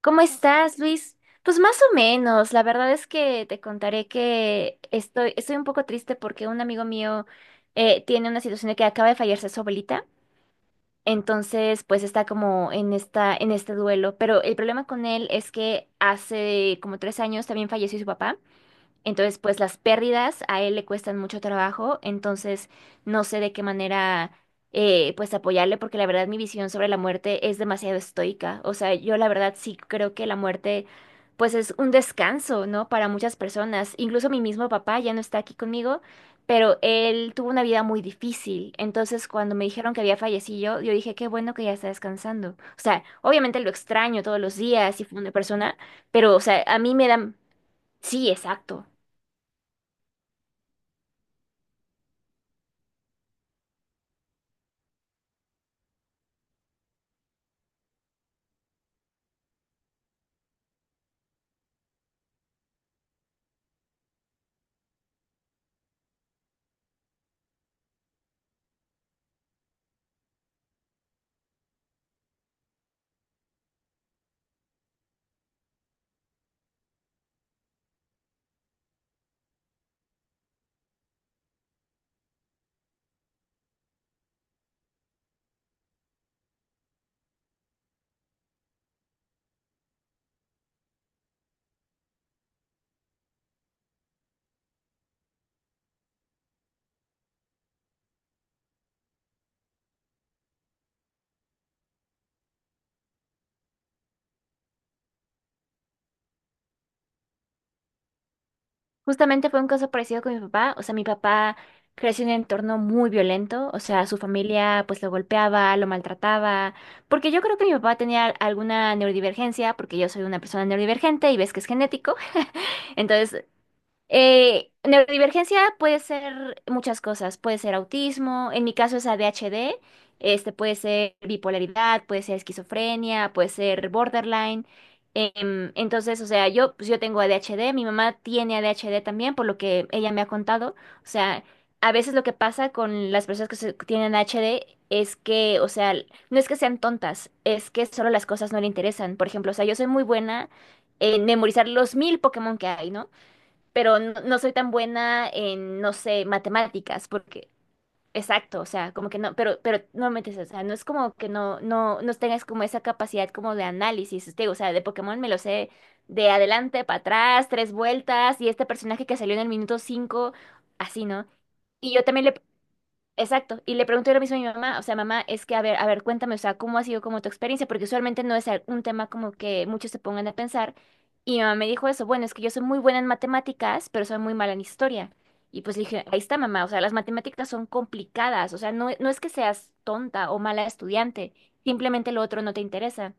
¿Cómo estás, Luis? Pues más o menos, la verdad es que te contaré que estoy un poco triste porque un amigo mío tiene una situación de que acaba de fallarse su abuelita, entonces pues está como en este duelo, pero el problema con él es que hace como tres años también falleció su papá. Entonces, pues las pérdidas a él le cuestan mucho trabajo, entonces no sé de qué manera pues apoyarle, porque la verdad mi visión sobre la muerte es demasiado estoica. O sea, yo la verdad sí creo que la muerte pues es un descanso, ¿no? Para muchas personas. Incluso mi mismo papá ya no está aquí conmigo, pero él tuvo una vida muy difícil. Entonces, cuando me dijeron que había fallecido, yo dije, qué bueno que ya está descansando. O sea, obviamente lo extraño todos los días y fue una persona, pero o sea, a mí me da... Sí, exacto. Justamente fue un caso parecido con mi papá. O sea, mi papá creció en un entorno muy violento. O sea, su familia pues lo golpeaba, lo maltrataba. Porque yo creo que mi papá tenía alguna neurodivergencia, porque yo soy una persona neurodivergente y ves que es genético. Entonces, neurodivergencia puede ser muchas cosas, puede ser autismo, en mi caso es ADHD, este puede ser bipolaridad, puede ser esquizofrenia, puede ser borderline. Entonces, o sea, yo pues yo tengo ADHD, mi mamá tiene ADHD también, por lo que ella me ha contado. O sea, a veces lo que pasa con las personas que tienen ADHD es que, o sea, no es que sean tontas, es que solo las cosas no le interesan. Por ejemplo, o sea, yo soy muy buena en memorizar los 1000 Pokémon que hay, ¿no? Pero no soy tan buena en, no sé, matemáticas, porque, exacto, o sea, como que no, pero no me metes, o sea, no es como que no tengas como esa capacidad como de análisis, te digo, o sea, de Pokémon me lo sé de adelante para atrás, tres vueltas, y este personaje que salió en el minuto 5, así, ¿no? Y yo también le, exacto, y le pregunté lo mismo a mi mamá, o sea, mamá, es que, a ver, cuéntame, o sea, ¿cómo ha sido como tu experiencia? Porque usualmente no es al- un tema como que muchos se pongan a pensar, y mi mamá me dijo eso, bueno, es que yo soy muy buena en matemáticas, pero soy muy mala en historia, y pues le dije, ahí está, mamá, o sea, las matemáticas son complicadas, o sea, no es que seas tonta o mala estudiante, simplemente lo otro no te interesa.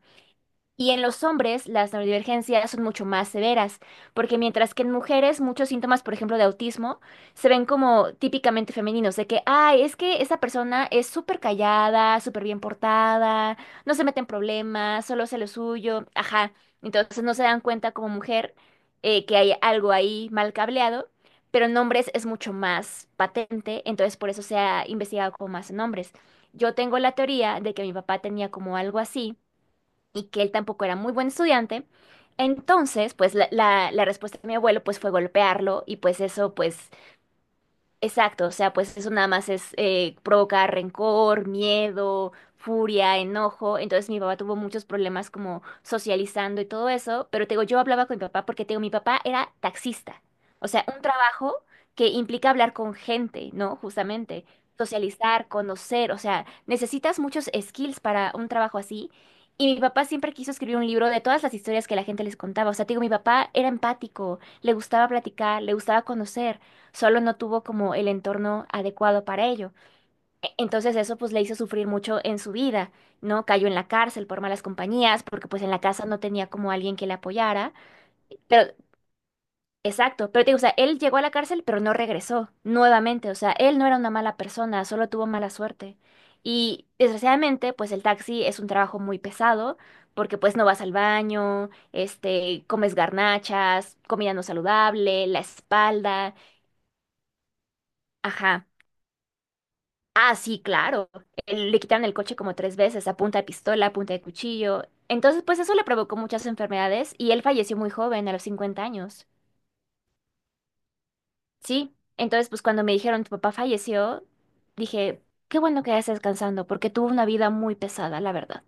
Y en los hombres, las neurodivergencias son mucho más severas, porque mientras que en mujeres muchos síntomas, por ejemplo, de autismo, se ven como típicamente femeninos, de que, ay, es que esa persona es súper callada, súper bien portada, no se mete en problemas, solo hace lo suyo, ajá. Entonces no se dan cuenta como mujer que hay algo ahí mal cableado, pero en hombres es mucho más patente, entonces por eso se ha investigado como más en hombres. Yo tengo la teoría de que mi papá tenía como algo así y que él tampoco era muy buen estudiante. Entonces, pues la respuesta de mi abuelo pues fue golpearlo y pues eso pues exacto, o sea, pues eso nada más es provocar rencor, miedo, furia, enojo. Entonces mi papá tuvo muchos problemas como socializando y todo eso, pero te digo, yo hablaba con mi papá porque te digo, mi papá era taxista, o sea, un trabajo que implica hablar con gente, ¿no? Justamente, socializar, conocer, o sea, necesitas muchos skills para un trabajo así. Y mi papá siempre quiso escribir un libro de todas las historias que la gente les contaba. O sea, te digo, mi papá era empático, le gustaba platicar, le gustaba conocer, solo no tuvo como el entorno adecuado para ello. Entonces eso pues le hizo sufrir mucho en su vida, ¿no? Cayó en la cárcel por malas compañías, porque pues en la casa no tenía como alguien que le apoyara, pero... Exacto, pero te digo, o sea, él llegó a la cárcel, pero no regresó nuevamente, o sea, él no era una mala persona, solo tuvo mala suerte. Y desgraciadamente, pues el taxi es un trabajo muy pesado, porque pues no vas al baño, este, comes garnachas, comida no saludable, la espalda, ajá. Ah, sí, claro. Le quitaron el coche como tres veces, a punta de pistola, a punta de cuchillo. Entonces, pues eso le provocó muchas enfermedades y él falleció muy joven, a los 50 años. Sí, entonces, pues cuando me dijeron tu papá falleció, dije, qué bueno que ya estés descansando, porque tuvo una vida muy pesada, la verdad.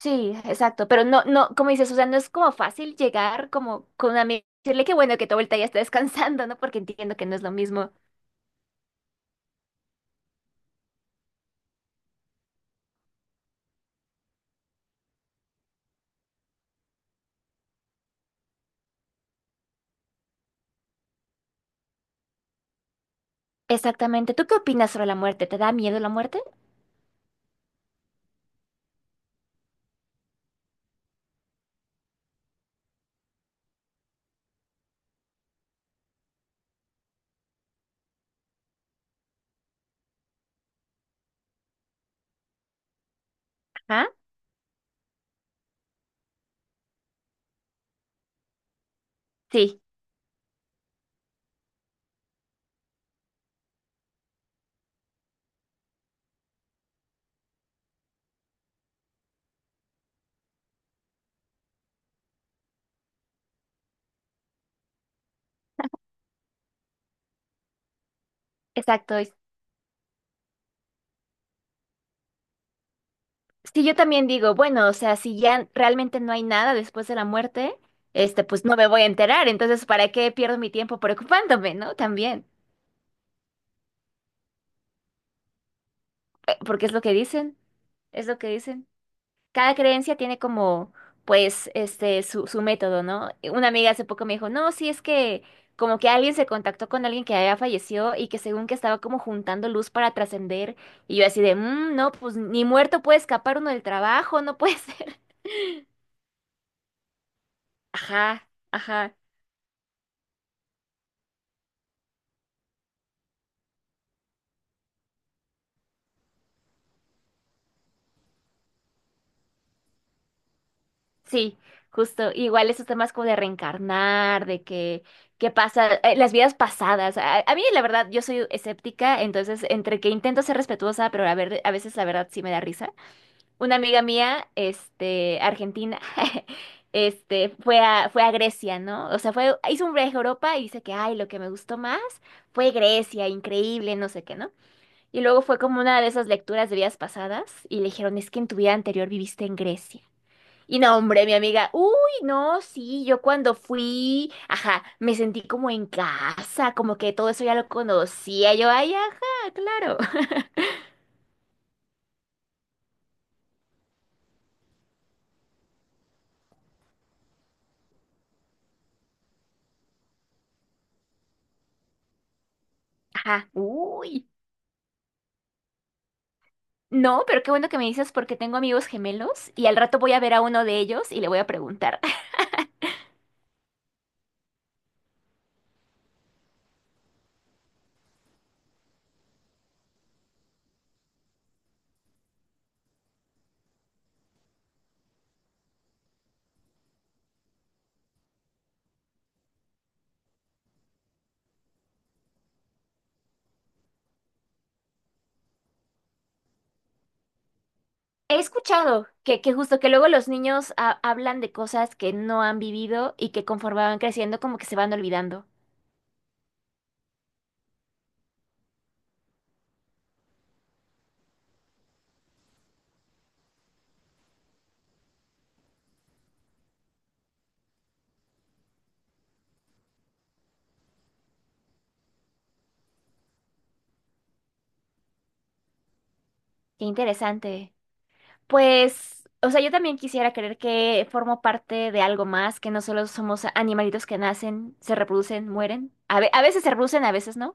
Sí, exacto, pero no, no, como dices, o sea, no es como fácil llegar como con una amiga y decirle qué bueno que tu vuelta ya está descansando, ¿no? Porque entiendo que no es lo mismo. Exactamente. ¿Tú qué opinas sobre la muerte? ¿Te da miedo la muerte? Ajá. Sí, exacto. Sí, yo también digo, bueno, o sea, si ya realmente no hay nada después de la muerte, este, pues no me voy a enterar, entonces, ¿para qué pierdo mi tiempo preocupándome, no? También, porque es lo que dicen, es lo que dicen. Cada creencia tiene como, pues, este, su método, ¿no? Una amiga hace poco me dijo, no, sí, es que como que alguien se contactó con alguien que había fallecido y que según que estaba como juntando luz para trascender, y yo así de, "Mm, no, pues ni muerto puede escapar uno del trabajo, no puede ser." Ajá, ajá. Sí, justo. Igual esos temas como de reencarnar, de que, qué pasa, las vidas pasadas. A mí, la verdad, yo soy escéptica, entonces entre que intento ser respetuosa, pero a ver, a veces la verdad sí me da risa. Una amiga mía, este, argentina, este, fue a Grecia, ¿no? O sea, fue, hizo un viaje a Europa y dice que, ay, lo que me gustó más fue Grecia, increíble, no sé qué, ¿no? Y luego fue como una de esas lecturas de vidas pasadas y le dijeron, es que en tu vida anterior viviste en Grecia. Y no, hombre, mi amiga, uy, no, sí, yo cuando fui, ajá, me sentí como en casa, como que todo eso ya lo conocía, yo, ay, ajá, claro, ajá, uy. No, pero qué bueno que me dices porque tengo amigos gemelos y al rato voy a ver a uno de ellos y le voy a preguntar. He escuchado que justo que luego los niños hablan de cosas que no han vivido y que conforme van creciendo como que se van olvidando. Qué interesante. Pues, o sea, yo también quisiera creer que formo parte de algo más, que no solo somos animalitos que nacen, se reproducen, mueren. A veces se reproducen, a veces no.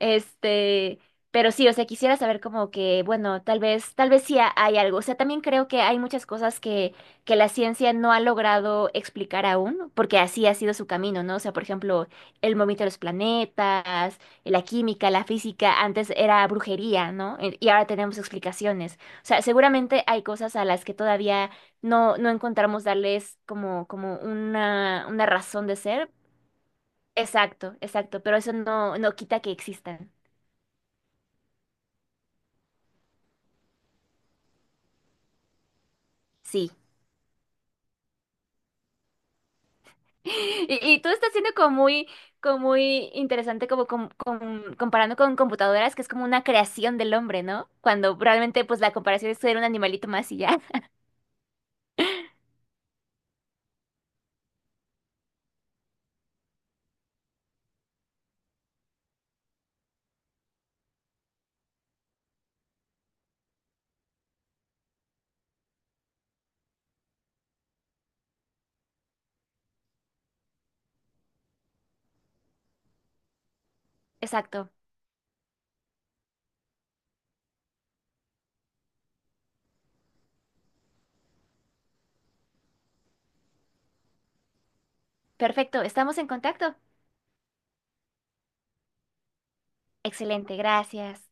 Este, pero sí, o sea, quisiera saber como que, bueno, tal vez sí hay algo. O sea, también creo que hay muchas cosas que la ciencia no ha logrado explicar aún, porque así ha sido su camino, ¿no? O sea, por ejemplo, el movimiento de los planetas, la química, la física, antes era brujería, ¿no? Y ahora tenemos explicaciones. O sea, seguramente hay cosas a las que todavía no encontramos darles como, como una razón de ser. Exacto, exacto, pero eso no quita que existan. Sí. Y todo está siendo como muy interesante, como comparando con computadoras, que es como una creación del hombre, ¿no? Cuando realmente, pues la comparación es ser un animalito más y ya. Exacto. Perfecto. Estamos en contacto. Excelente. Gracias.